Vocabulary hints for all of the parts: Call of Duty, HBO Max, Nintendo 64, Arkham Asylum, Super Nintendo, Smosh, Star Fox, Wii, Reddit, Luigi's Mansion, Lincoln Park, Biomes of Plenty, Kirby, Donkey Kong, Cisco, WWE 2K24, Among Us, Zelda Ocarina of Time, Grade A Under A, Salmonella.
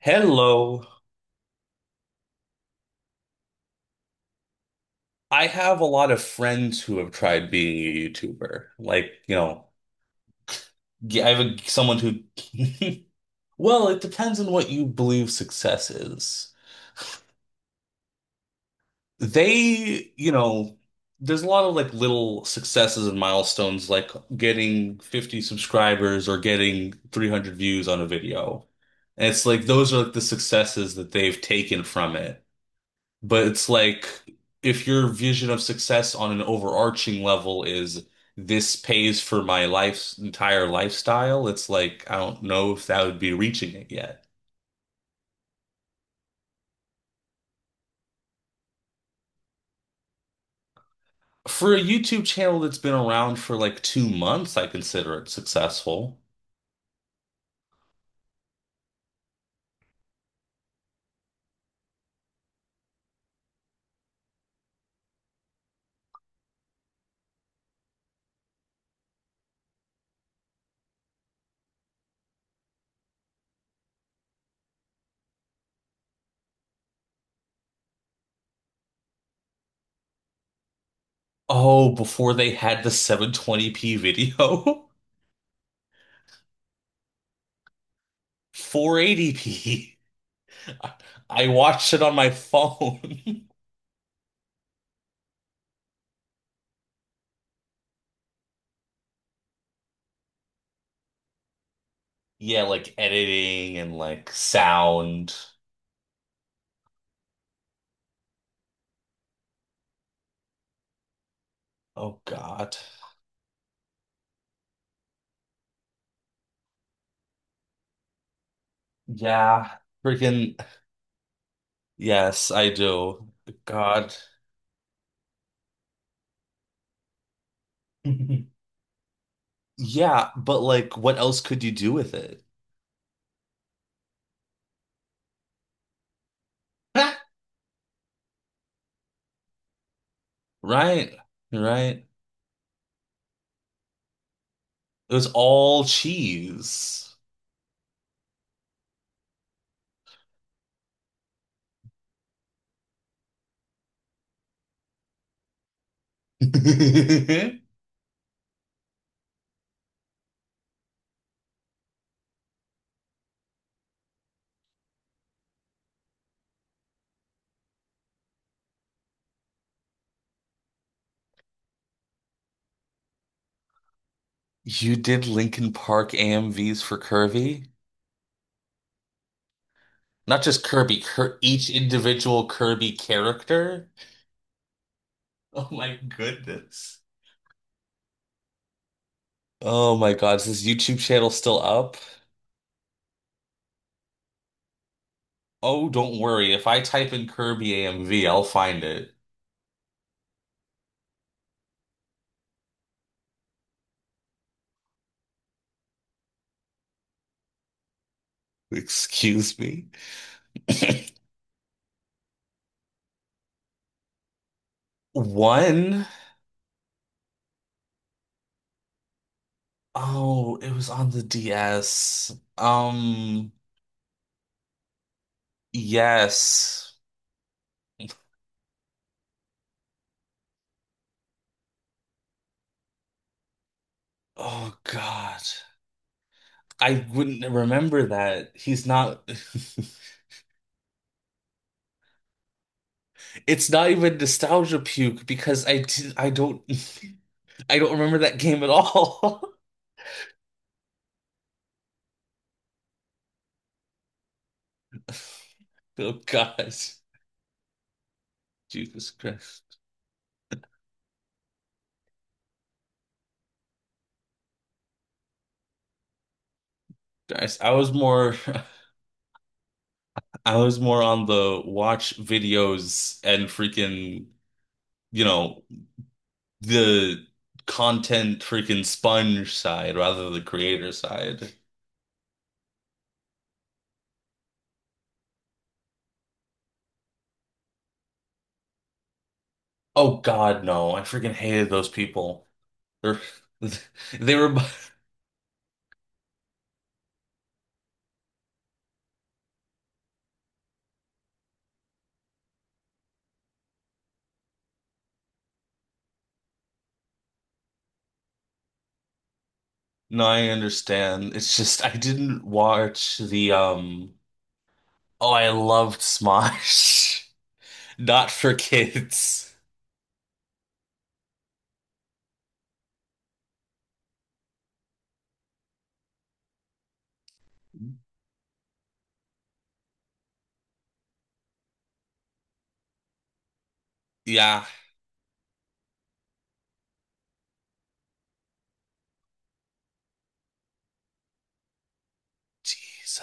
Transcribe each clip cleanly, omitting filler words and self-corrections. Hello. I have a lot of friends who have tried being a YouTuber. Like, you know, g- I have a, someone who, well, it depends on what you believe success is. They, you know, there's a lot of like little successes and milestones, like getting 50 subscribers or getting 300 views on a video. And it's like those are like the successes that they've taken from it. But it's like if your vision of success on an overarching level is this pays for my life's entire lifestyle, it's like I don't know if that would be reaching it yet. For a YouTube channel that's been around for like 2 months, I consider it successful. Oh, before they had the 720p video, 480p. I watched it on my phone. Yeah, like editing and like sound. Oh God. Yeah, freaking yes, I do. God. Yeah, but like what else could you do with it? Right? Right? It was all cheese. You did Lincoln Park AMVs for Kirby? Not just Kirby, Kir each individual Kirby character? Oh my goodness. Oh my God, is this YouTube channel still up? Oh, don't worry. If I type in Kirby AMV, I'll find it. Excuse me. One, oh, it was on the DS. Yes. Oh God. I wouldn't remember that. He's not It's not even nostalgia puke because I don't I don't remember that game at all. Oh God. Jesus Christ. Guys, I was more I was more on the watch videos and you know, the content freaking sponge side rather than the creator side. Oh God, no. I freaking hated those people. They're they were no, I understand. It's just I didn't watch the oh, I loved Smosh. Not for kids. Yeah. Jeez.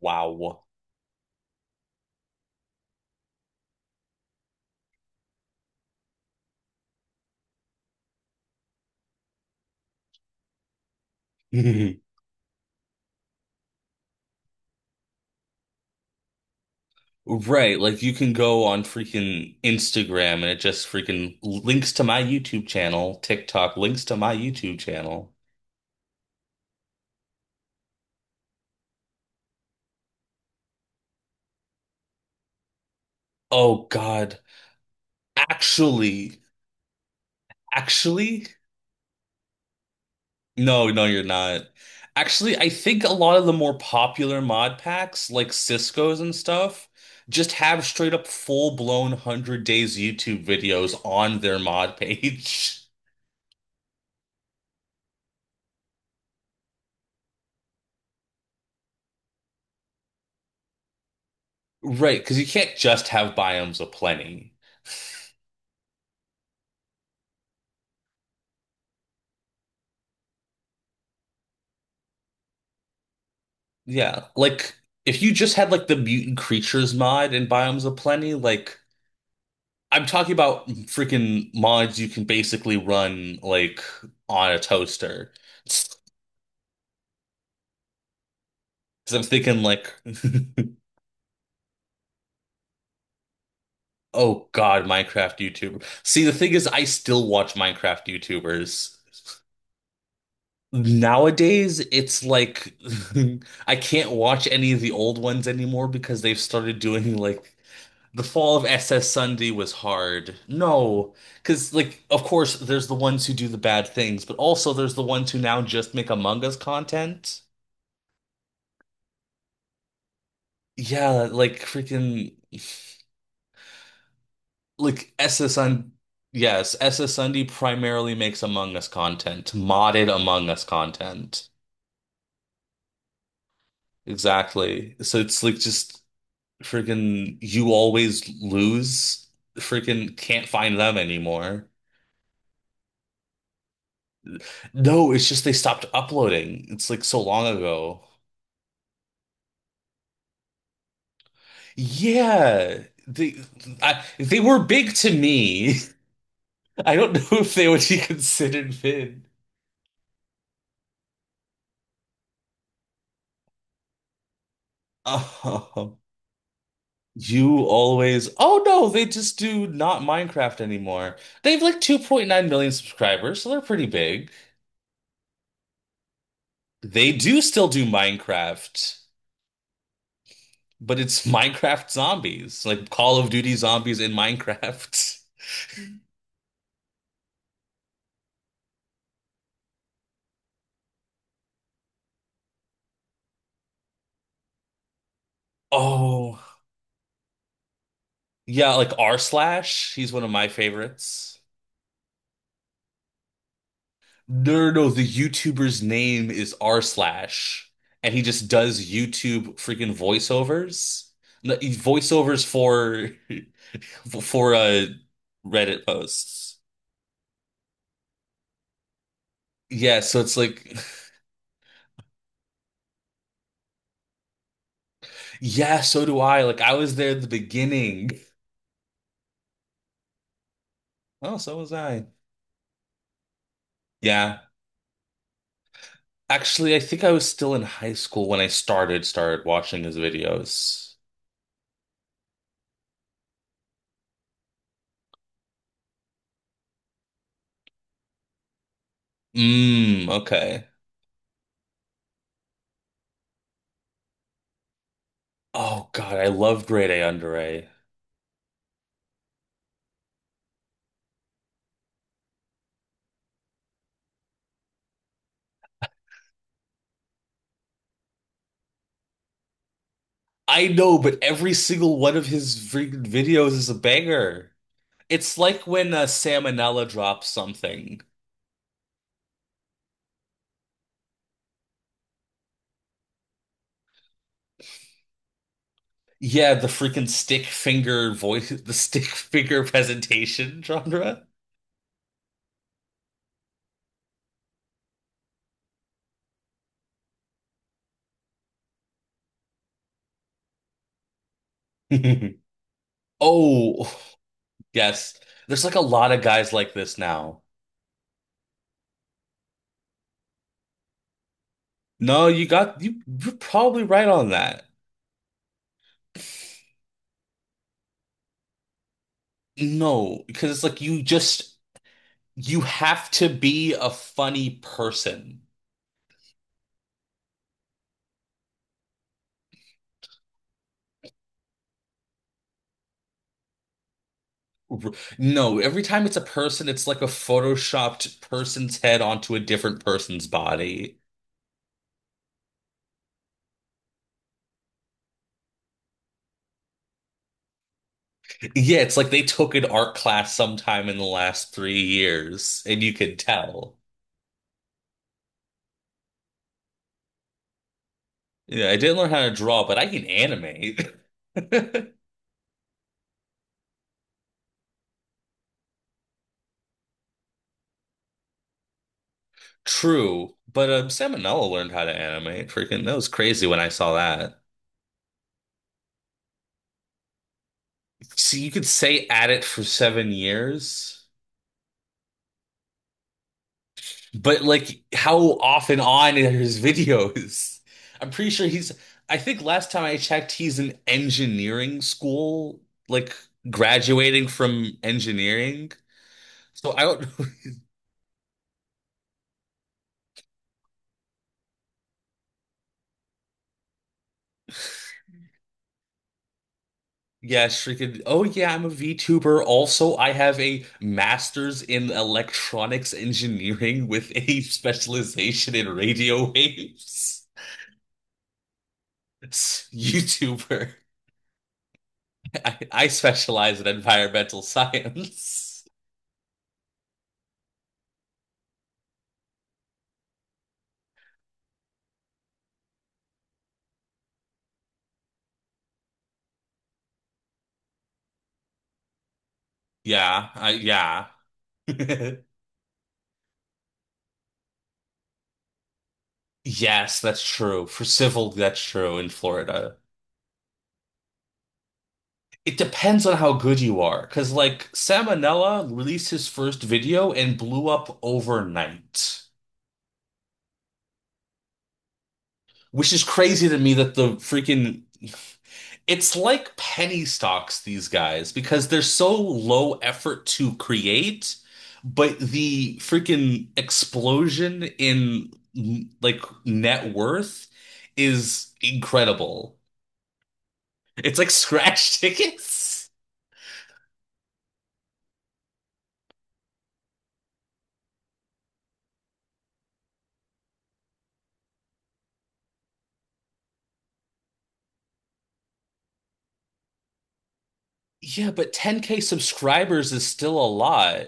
Wow. Right, like you can go on freaking Instagram and it just freaking links to my YouTube channel, TikTok links to my YouTube channel. Oh God. Actually, actually, no, no, you're not. Actually, I think a lot of the more popular mod packs, like Cisco's and stuff, just have straight up full-blown 100 days YouTube videos on their mod page. Right, because you can't just have biomes of plenty. Yeah, like if you just had like the mutant creatures mod in Biomes of Plenty, like I'm talking about freaking mods you can basically run like on a toaster. Because I'm thinking like, oh God, Minecraft YouTuber. See, the thing is, I still watch Minecraft YouTubers. Nowadays, it's like I can't watch any of the old ones anymore because they've started doing like the Fall of SS Sunday was hard. No, because like of course there's the ones who do the bad things, but also there's the ones who now just make Among Us content. Yeah, like freaking like SS on yes, SS Sunday primarily makes Among Us content, modded Among Us content. Exactly. So it's like just. Freaking, you always lose. Freaking, can't find them anymore. No, it's just they stopped uploading. It's like so long ago. Yeah, they I, they were big to me. I don't know if they would be considered big. Oh, you always. Oh no, they just do not Minecraft anymore. They have like 2.9 million subscribers, so they're pretty big. They do still do Minecraft. But it's Minecraft zombies, like Call of Duty zombies in Minecraft. Oh, yeah, like r slash. He's one of my favorites. No, no, no, the YouTuber's name is r slash, and he just does YouTube freaking voiceovers, no, he- voiceovers for for Reddit posts. Yeah, so it's like, yeah, so do I. Like I was there at the beginning. Oh, so was I. Yeah. Actually, I think I was still in high school when I started started watching his videos. Mm, okay. Oh God, I love Grade A Under A. I know, but every single one of his freaking videos is a banger. It's like when Salmonella drops something. Yeah, the freaking stick finger voice, the stick finger presentation genre. Oh, yes. There's like a lot of guys like this now. No, you're probably right on that. No, because it's like you have to be a funny person. R- No, every time it's a person, it's like a photoshopped person's head onto a different person's body. Yeah, it's like they took an art class sometime in the last 3 years, and you can tell. Yeah, I didn't learn how to draw, but I can animate. True, but Salmonella learned how to animate. Freaking, that was crazy when I saw that. So you could say at it for 7 years. But like how off and on are his videos? I'm pretty sure he's I think last time I checked he's in engineering school, like graduating from engineering. So I don't Yeah, shrieking. Oh yeah, I'm a VTuber. Also, I have a master's in electronics engineering with a specialization in radio waves. YouTuber. I specialize in environmental science. Yeah. Yes, that's true. For civil, that's true in Florida. It depends on how good you are. Because, like, Salmonella released his first video and blew up overnight, which is crazy to me that the freaking. It's like penny stocks, these guys, because they're so low effort to create, but the freaking explosion in, like, net worth is incredible. It's like scratch tickets. Yeah, but 10K subscribers is still a lot.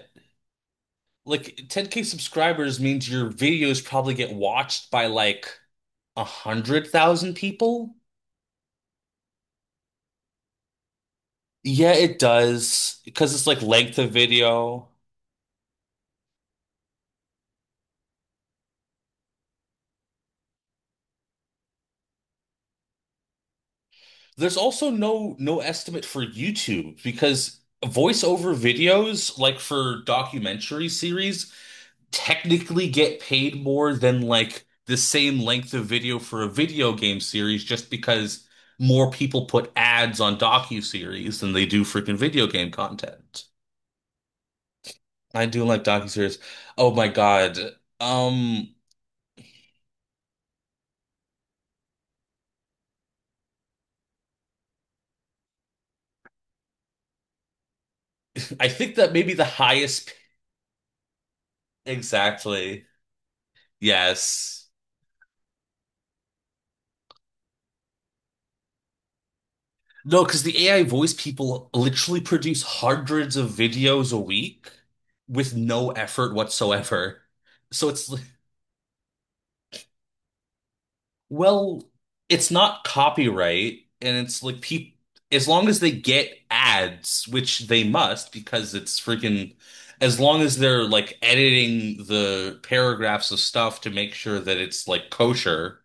Like 10K subscribers means your videos probably get watched by like 100,000 people. Yeah, it does because it's like length of video. There's also no no estimate for YouTube because voiceover videos, like for documentary series, technically get paid more than like the same length of video for a video game series just because more people put ads on docuseries than they do freaking video game content. I do like docuseries. Oh my God. Um, I think that maybe the highest exactly. Yes. No, because the AI voice people literally produce hundreds of videos a week with no effort whatsoever. So it's well, it's not copyright, and it's like people, as long as they get ads, which they must because it's freaking, as long as they're like editing the paragraphs of stuff to make sure that it's like kosher,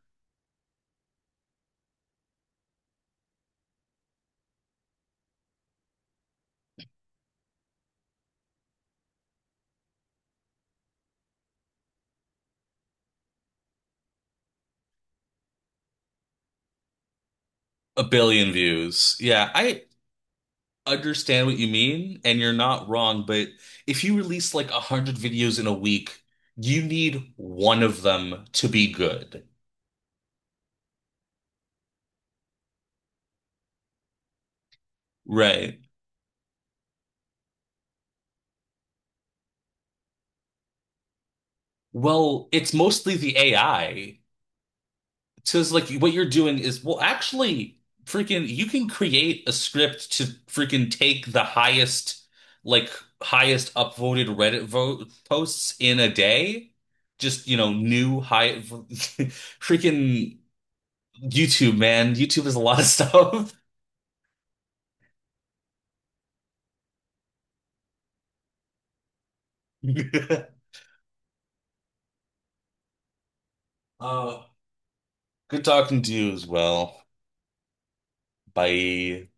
a billion views. Yeah, I understand what you mean, and you're not wrong, but if you release like 100 videos in a week, you need one of them to be good. Right. Well, it's mostly the AI. So it's like what you're doing is, well, actually, freaking, you can create a script to freaking take the highest, like, highest upvoted Reddit vote posts in a day. Just, you know, new high, freaking YouTube, man. YouTube is a lot of stuff. Uh, good talking to you as well. Bye.